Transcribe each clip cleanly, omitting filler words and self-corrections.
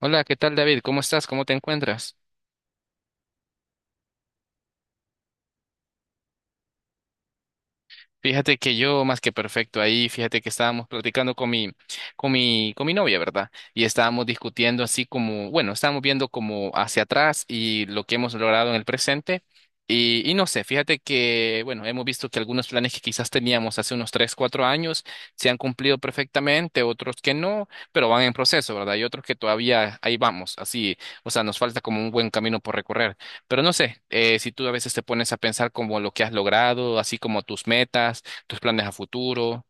Hola, ¿qué tal, David? ¿Cómo estás? ¿Cómo te encuentras? Fíjate que yo más que perfecto ahí, fíjate que estábamos platicando con mi, con mi novia, ¿verdad? Y estábamos discutiendo así como, bueno, estábamos viendo como hacia atrás y lo que hemos logrado en el presente. Y no sé, fíjate que, bueno, hemos visto que algunos planes que quizás teníamos hace unos 3, 4 años se han cumplido perfectamente, otros que no, pero van en proceso, ¿verdad? Y otros que todavía ahí vamos, así, o sea, nos falta como un buen camino por recorrer. Pero no sé, si tú a veces te pones a pensar como lo que has logrado, así como tus metas, tus planes a futuro.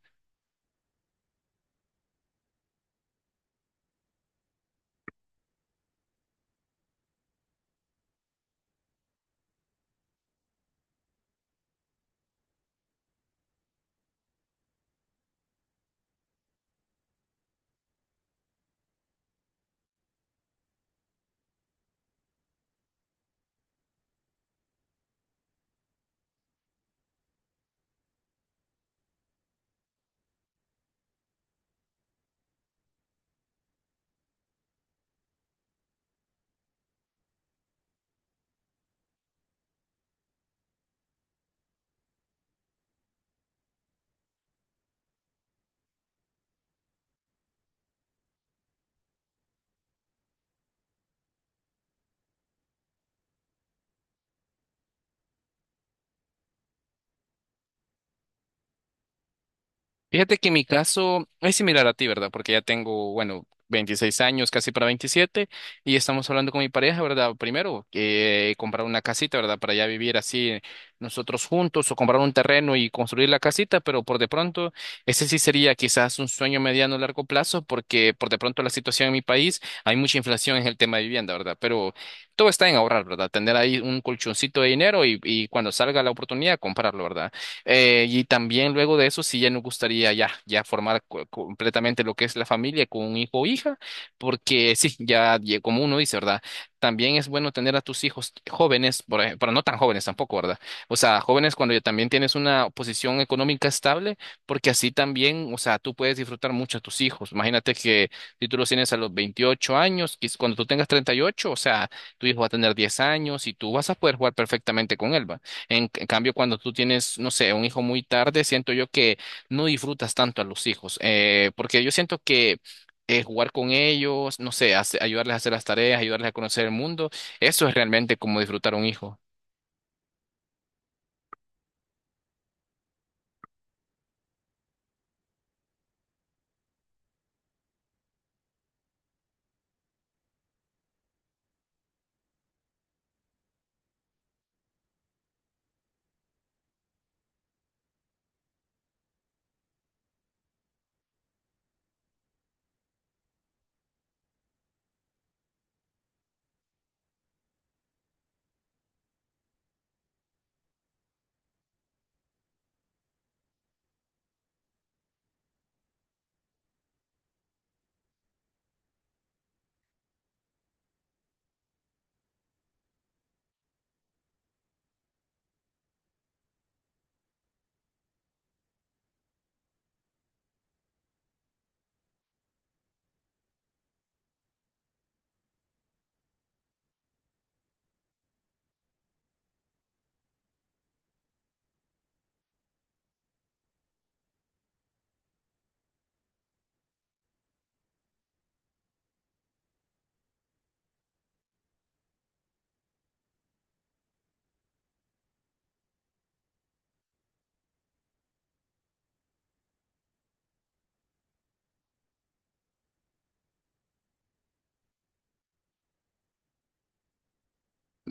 Fíjate que mi caso es similar a ti, ¿verdad? Porque ya tengo, bueno, 26 años, casi para 27, y estamos hablando con mi pareja, ¿verdad? Primero, que comprar una casita, ¿verdad? Para ya vivir así nosotros juntos o comprar un terreno y construir la casita, pero por de pronto, ese sí sería quizás un sueño mediano a largo plazo, porque por de pronto la situación en mi país, hay mucha inflación en el tema de vivienda, ¿verdad? Pero todo está en ahorrar, ¿verdad? Tener ahí un colchoncito de dinero y cuando salga la oportunidad, comprarlo, ¿verdad? Y también luego de eso, sí, ya nos gustaría ya, ya formar completamente lo que es la familia con un hijo o hija, porque sí, ya como uno dice, ¿verdad? También es bueno tener a tus hijos jóvenes, por pero no tan jóvenes tampoco, ¿verdad? O sea, jóvenes cuando ya también tienes una posición económica estable, porque así también, o sea, tú puedes disfrutar mucho a tus hijos. Imagínate que si tú los tienes a los 28 años, cuando tú tengas 38, o sea, tu hijo va a tener 10 años y tú vas a poder jugar perfectamente con él, ¿va? En cambio, cuando tú tienes, no sé, un hijo muy tarde, siento yo que no disfrutas tanto a los hijos, porque yo siento que jugar con ellos, no sé, ayudarles a hacer las tareas, ayudarles a conocer el mundo, eso es realmente como disfrutar a un hijo.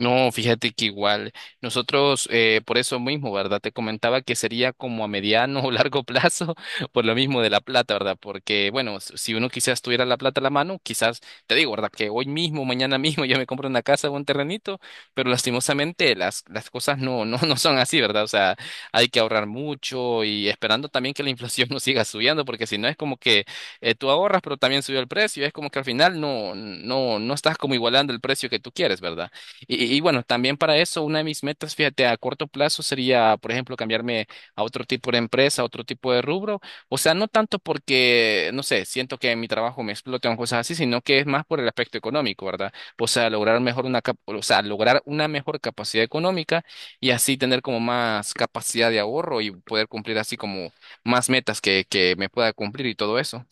No, fíjate que igual nosotros, por eso mismo, ¿verdad? Te comentaba que sería como a mediano o largo plazo, por lo mismo de la plata, ¿verdad? Porque, bueno, si uno quizás tuviera la plata a la mano, quizás, te digo, ¿verdad? Que hoy mismo, mañana mismo, yo me compro una casa o un terrenito, pero lastimosamente las cosas no, no, no son así, ¿verdad? O sea, hay que ahorrar mucho y esperando también que la inflación no siga subiendo, porque si no es como que tú ahorras, pero también subió el precio, es como que al final no, no, no estás como igualando el precio que tú quieres, ¿verdad? Y bueno, también para eso, una de mis metas, fíjate, a corto plazo sería, por ejemplo, cambiarme a otro tipo de empresa, a otro tipo de rubro. O sea, no tanto porque, no sé, siento que en mi trabajo me explotan cosas así, sino que es más por el aspecto económico, ¿verdad? O sea, lograr mejor una, o sea, lograr una mejor capacidad económica y así tener como más capacidad de ahorro y poder cumplir así como más metas que me pueda cumplir y todo eso.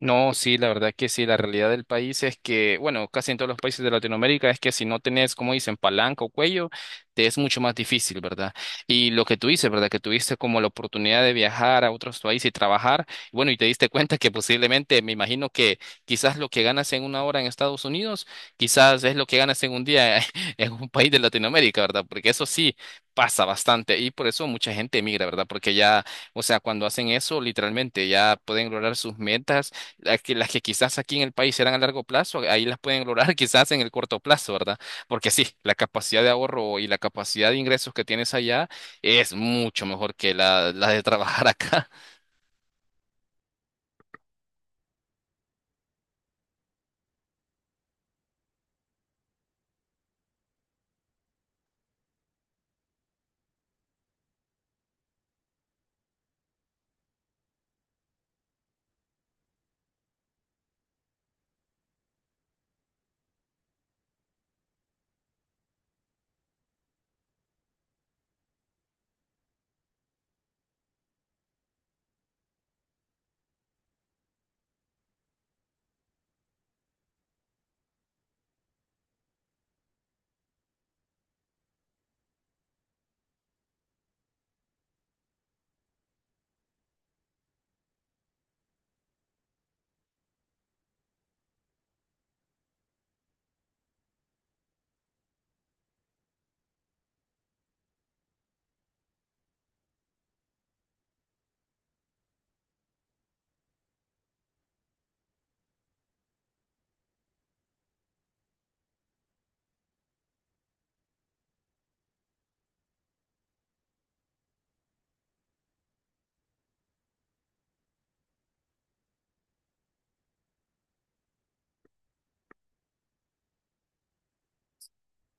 No, sí, la verdad que sí, la realidad del país es que, bueno, casi en todos los países de Latinoamérica es que si no tenés, como dicen, palanca o cuello, te es mucho más difícil, ¿verdad? Y lo que tú dices, ¿verdad? Que tuviste como la oportunidad de viajar a otros países y trabajar, bueno, y te diste cuenta que posiblemente, me imagino que quizás lo que ganas en una hora en Estados Unidos, quizás es lo que ganas en un día en un país de Latinoamérica, ¿verdad? Porque eso sí pasa bastante y por eso mucha gente emigra, ¿verdad? Porque ya, o sea, cuando hacen eso, literalmente ya pueden lograr sus metas las que quizás aquí en el país eran a largo plazo, ahí las pueden lograr quizás en el corto plazo, ¿verdad? Porque sí, la capacidad de ahorro y la capacidad de ingresos que tienes allá es mucho mejor que la de trabajar acá.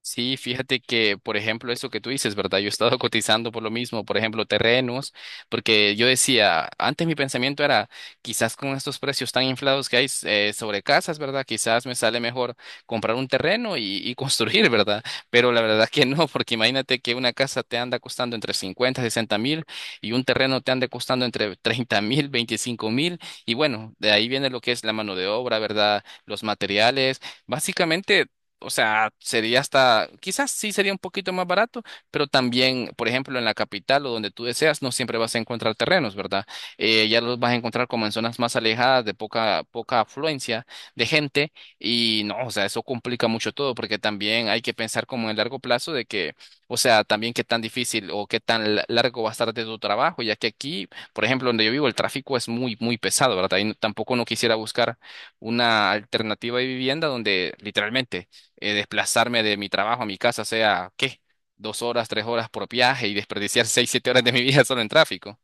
Sí, fíjate que, por ejemplo, eso que tú dices, ¿verdad? Yo he estado cotizando por lo mismo, por ejemplo, terrenos, porque yo decía, antes mi pensamiento era, quizás con estos precios tan inflados que hay sobre casas, ¿verdad? Quizás me sale mejor comprar un terreno y construir, ¿verdad? Pero la verdad que no, porque imagínate que una casa te anda costando entre 50, 60 mil y un terreno te anda costando entre 30 mil, 25 mil, y bueno, de ahí viene lo que es la mano de obra, ¿verdad? Los materiales. Básicamente, o sea, sería hasta, quizás sí sería un poquito más barato, pero también, por ejemplo, en la capital o donde tú deseas, no siempre vas a encontrar terrenos, ¿verdad? Ya los vas a encontrar como en zonas más alejadas de poca, poca afluencia de gente y no, o sea, eso complica mucho todo porque también hay que pensar como en largo plazo de que, o sea, también qué tan difícil o qué tan largo va a estar de tu trabajo, ya que aquí, por ejemplo, donde yo vivo, el tráfico es muy, muy pesado, ¿verdad? Y tampoco no quisiera buscar una alternativa de vivienda donde literalmente desplazarme de mi trabajo a mi casa sea, ¿qué? Dos horas, tres horas por viaje y desperdiciar seis, siete horas de mi vida solo en tráfico.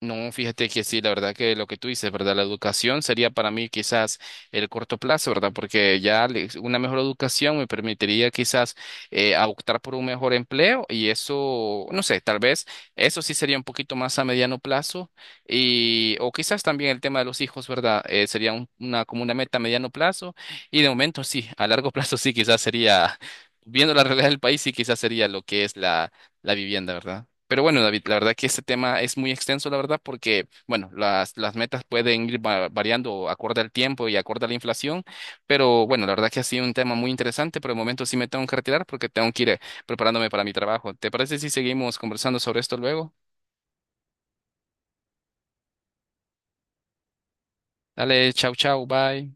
No, fíjate que sí, la verdad que lo que tú dices, ¿verdad? La educación sería para mí quizás el corto plazo, ¿verdad? Porque ya una mejor educación me permitiría quizás a optar por un mejor empleo y eso, no sé, tal vez eso sí sería un poquito más a mediano plazo y o quizás también el tema de los hijos, ¿verdad? Sería una como una meta a mediano plazo y de momento sí, a largo plazo sí, quizás sería, viendo la realidad del país, sí, quizás sería lo que es la vivienda, ¿verdad? Pero bueno, David, la verdad que este tema es muy extenso, la verdad, porque, bueno, las metas pueden ir variando acorde al tiempo y acorde a la inflación, pero bueno, la verdad que ha sido un tema muy interesante. Por el momento sí me tengo que retirar porque tengo que ir preparándome para mi trabajo. ¿Te parece si seguimos conversando sobre esto luego? Dale, chau, chau, bye.